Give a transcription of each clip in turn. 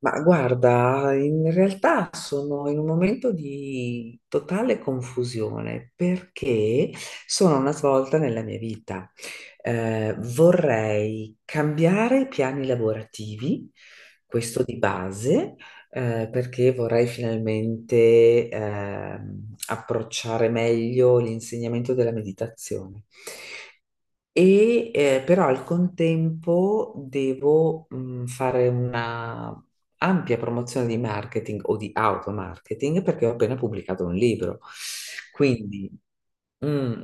Ma guarda, in realtà sono in un momento di totale confusione perché sono a una svolta nella mia vita. Vorrei cambiare i piani lavorativi, questo di base, perché vorrei finalmente approcciare meglio l'insegnamento della meditazione. E però al contempo devo fare una ampia promozione di marketing o di automarketing perché ho appena pubblicato un libro. Quindi, mm,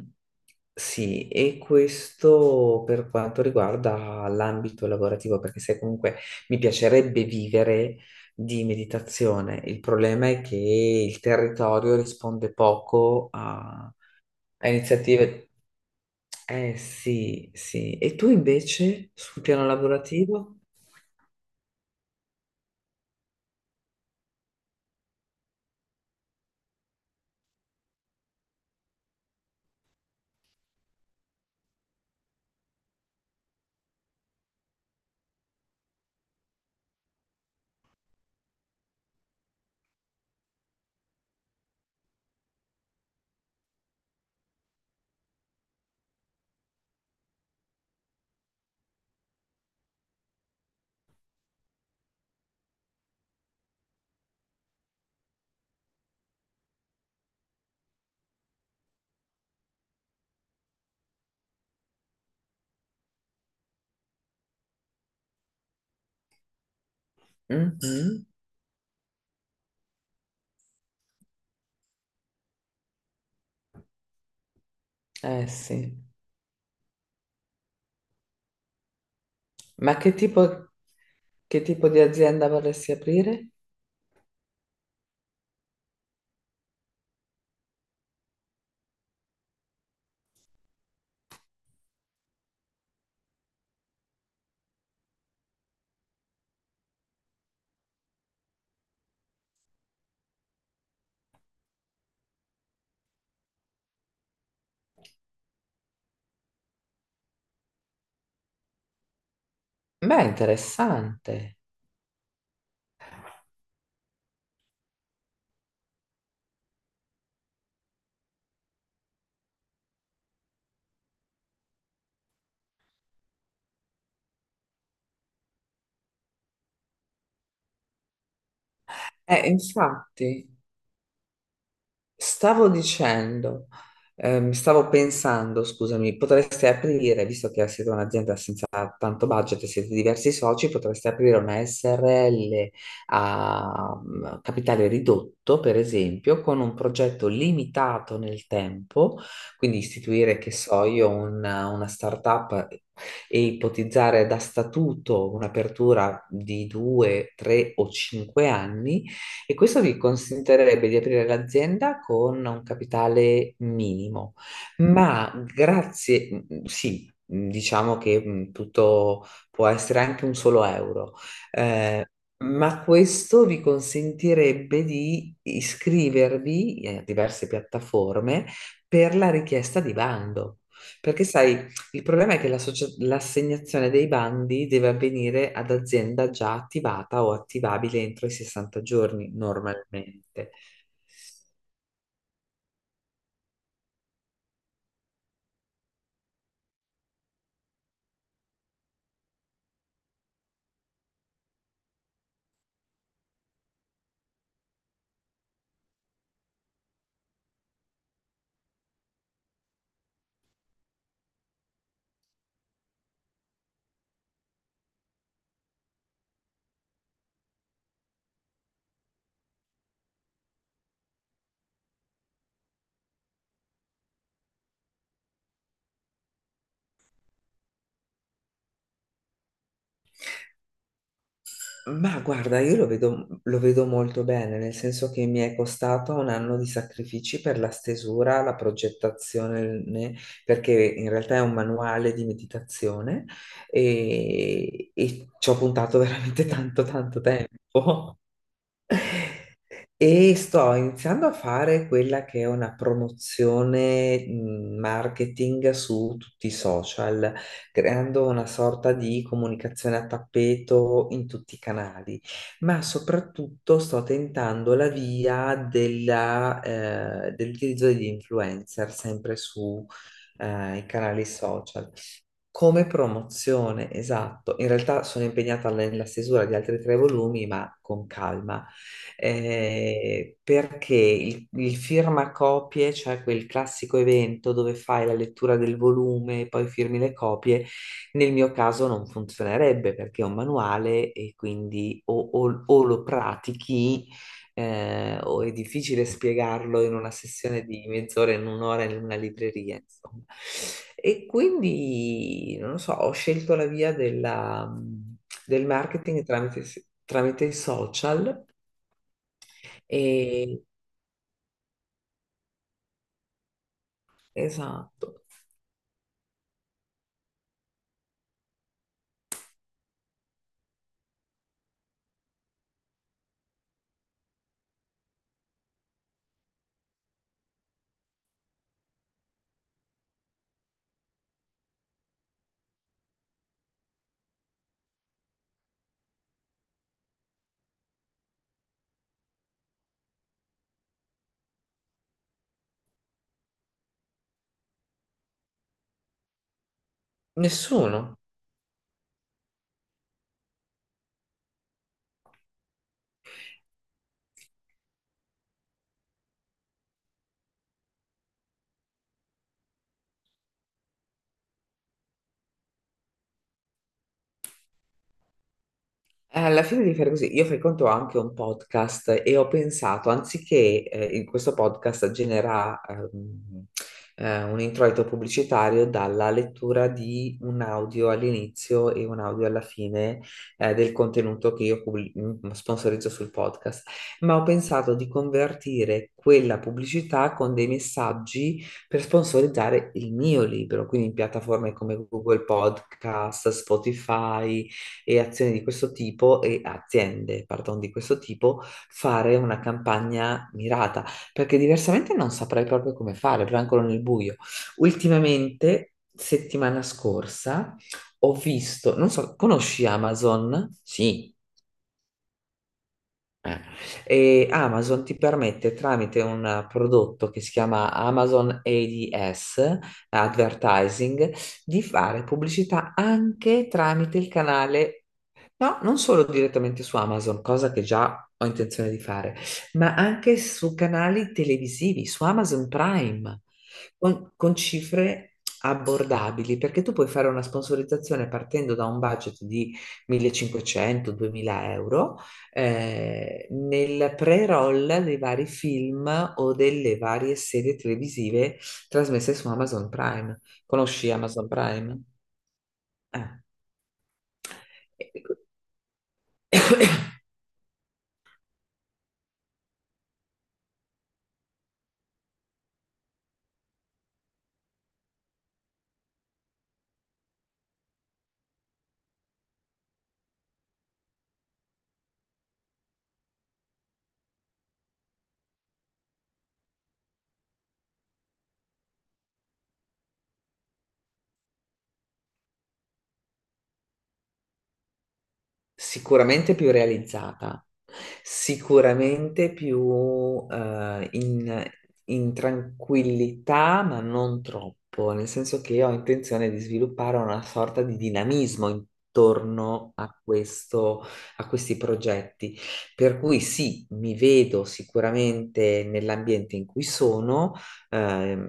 sì, e questo per quanto riguarda l'ambito lavorativo, perché se comunque mi piacerebbe vivere di meditazione, il problema è che il territorio risponde poco a iniziative. Eh sì, sì. E tu invece sul piano lavorativo? Mhm. Eh sì. Ma che tipo di azienda vorresti aprire? Beh, interessante. Infatti. Stavo dicendo, Stavo pensando, scusami, potreste aprire, visto che siete un'azienda senza tanto budget, e siete diversi soci, potreste aprire una SRL a capitale ridotto, per esempio, con un progetto limitato nel tempo, quindi istituire, che so io, una startup e ipotizzare da statuto un'apertura di due, tre o cinque anni, e questo vi consentirebbe di aprire l'azienda con un capitale minimo, ma grazie, sì, diciamo che tutto può essere anche un solo euro. eh, ma questo vi consentirebbe di iscrivervi a diverse piattaforme per la richiesta di bando. Perché sai, il problema è che l'assegnazione dei bandi deve avvenire ad azienda già attivata o attivabile entro i 60 giorni normalmente. Ma guarda, io lo vedo molto bene, nel senso che mi è costato un anno di sacrifici per la stesura, la progettazione, perché in realtà è un manuale di meditazione e ci ho puntato veramente tanto, tanto tempo. E sto iniziando a fare quella che è una promozione marketing su tutti i social, creando una sorta di comunicazione a tappeto in tutti i canali, ma soprattutto sto tentando la via dell'utilizzo degli influencer sempre su, i canali social. Come promozione, esatto. In realtà sono impegnata nella stesura di altri tre volumi, ma con calma. Perché il firmacopie, cioè quel classico evento dove fai la lettura del volume e poi firmi le copie, nel mio caso non funzionerebbe perché è un manuale, e quindi o lo pratichi o è difficile spiegarlo in una sessione di mezz'ora, in un'ora in una libreria, insomma. E quindi, non lo so, ho scelto la via del marketing tramite, i social e esatto, nessuno. Alla fine di fare così, io frequento anche un podcast e ho pensato, anziché in questo podcast generare un introito pubblicitario dalla lettura di un audio all'inizio e un audio alla fine, del contenuto che io sponsorizzo sul podcast, ma ho pensato di convertire quella pubblicità con dei messaggi per sponsorizzare il mio libro, quindi in piattaforme come Google Podcast, Spotify e azioni di questo tipo e aziende, pardon, di questo tipo, fare una campagna mirata, perché diversamente non saprei proprio come fare, proprio ancora nel buio. Ultimamente, settimana scorsa, ho visto, non so, conosci Amazon? Sì. Eh, E Amazon ti permette, tramite un prodotto che si chiama Amazon ADS, Advertising, di fare pubblicità anche tramite il canale. No, non solo direttamente su Amazon, cosa che già ho intenzione di fare, ma anche su canali televisivi, su Amazon Prime, con, cifre abbordabili, perché tu puoi fare una sponsorizzazione partendo da un budget di 1.500-2.000 euro nel pre-roll dei vari film o delle varie serie televisive trasmesse su Amazon Prime. Conosci Amazon Prime? Eh. Sicuramente più realizzata, sicuramente più in tranquillità, ma non troppo, nel senso che io ho intenzione di sviluppare una sorta di dinamismo intorno a questo, a questi progetti. Per cui sì, mi vedo sicuramente nell'ambiente in cui sono, ehm,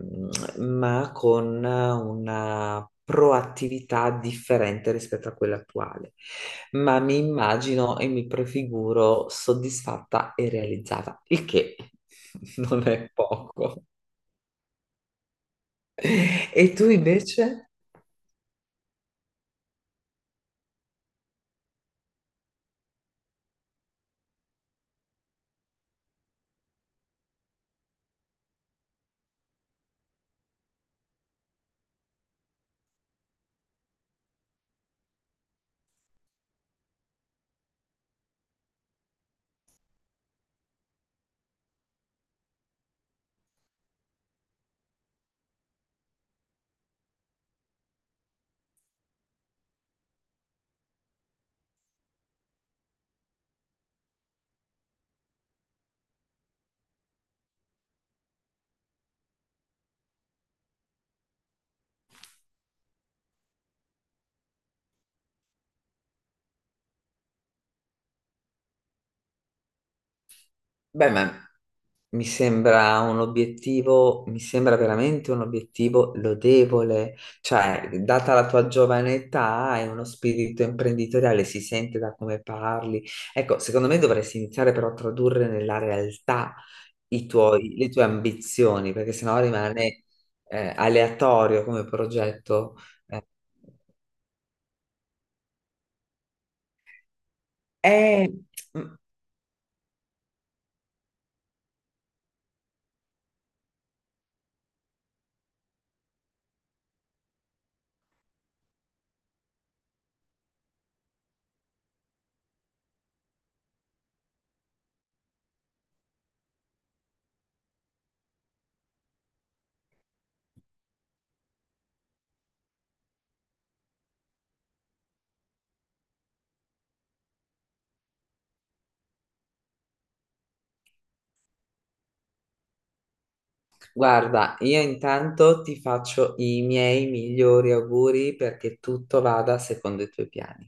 ma con una proattività differente rispetto a quella attuale. Ma mi immagino e mi prefiguro soddisfatta e realizzata, il che non è poco. E tu invece? Beh, mi sembra un obiettivo, mi sembra veramente un obiettivo lodevole, cioè, data la tua giovane età e uno spirito imprenditoriale, si sente da come parli. Ecco, secondo me dovresti iniziare però a tradurre nella realtà le tue ambizioni, perché sennò rimane aleatorio come progetto. Eh, eh, mm, Guarda, io intanto ti faccio i miei migliori auguri perché tutto vada secondo i tuoi piani.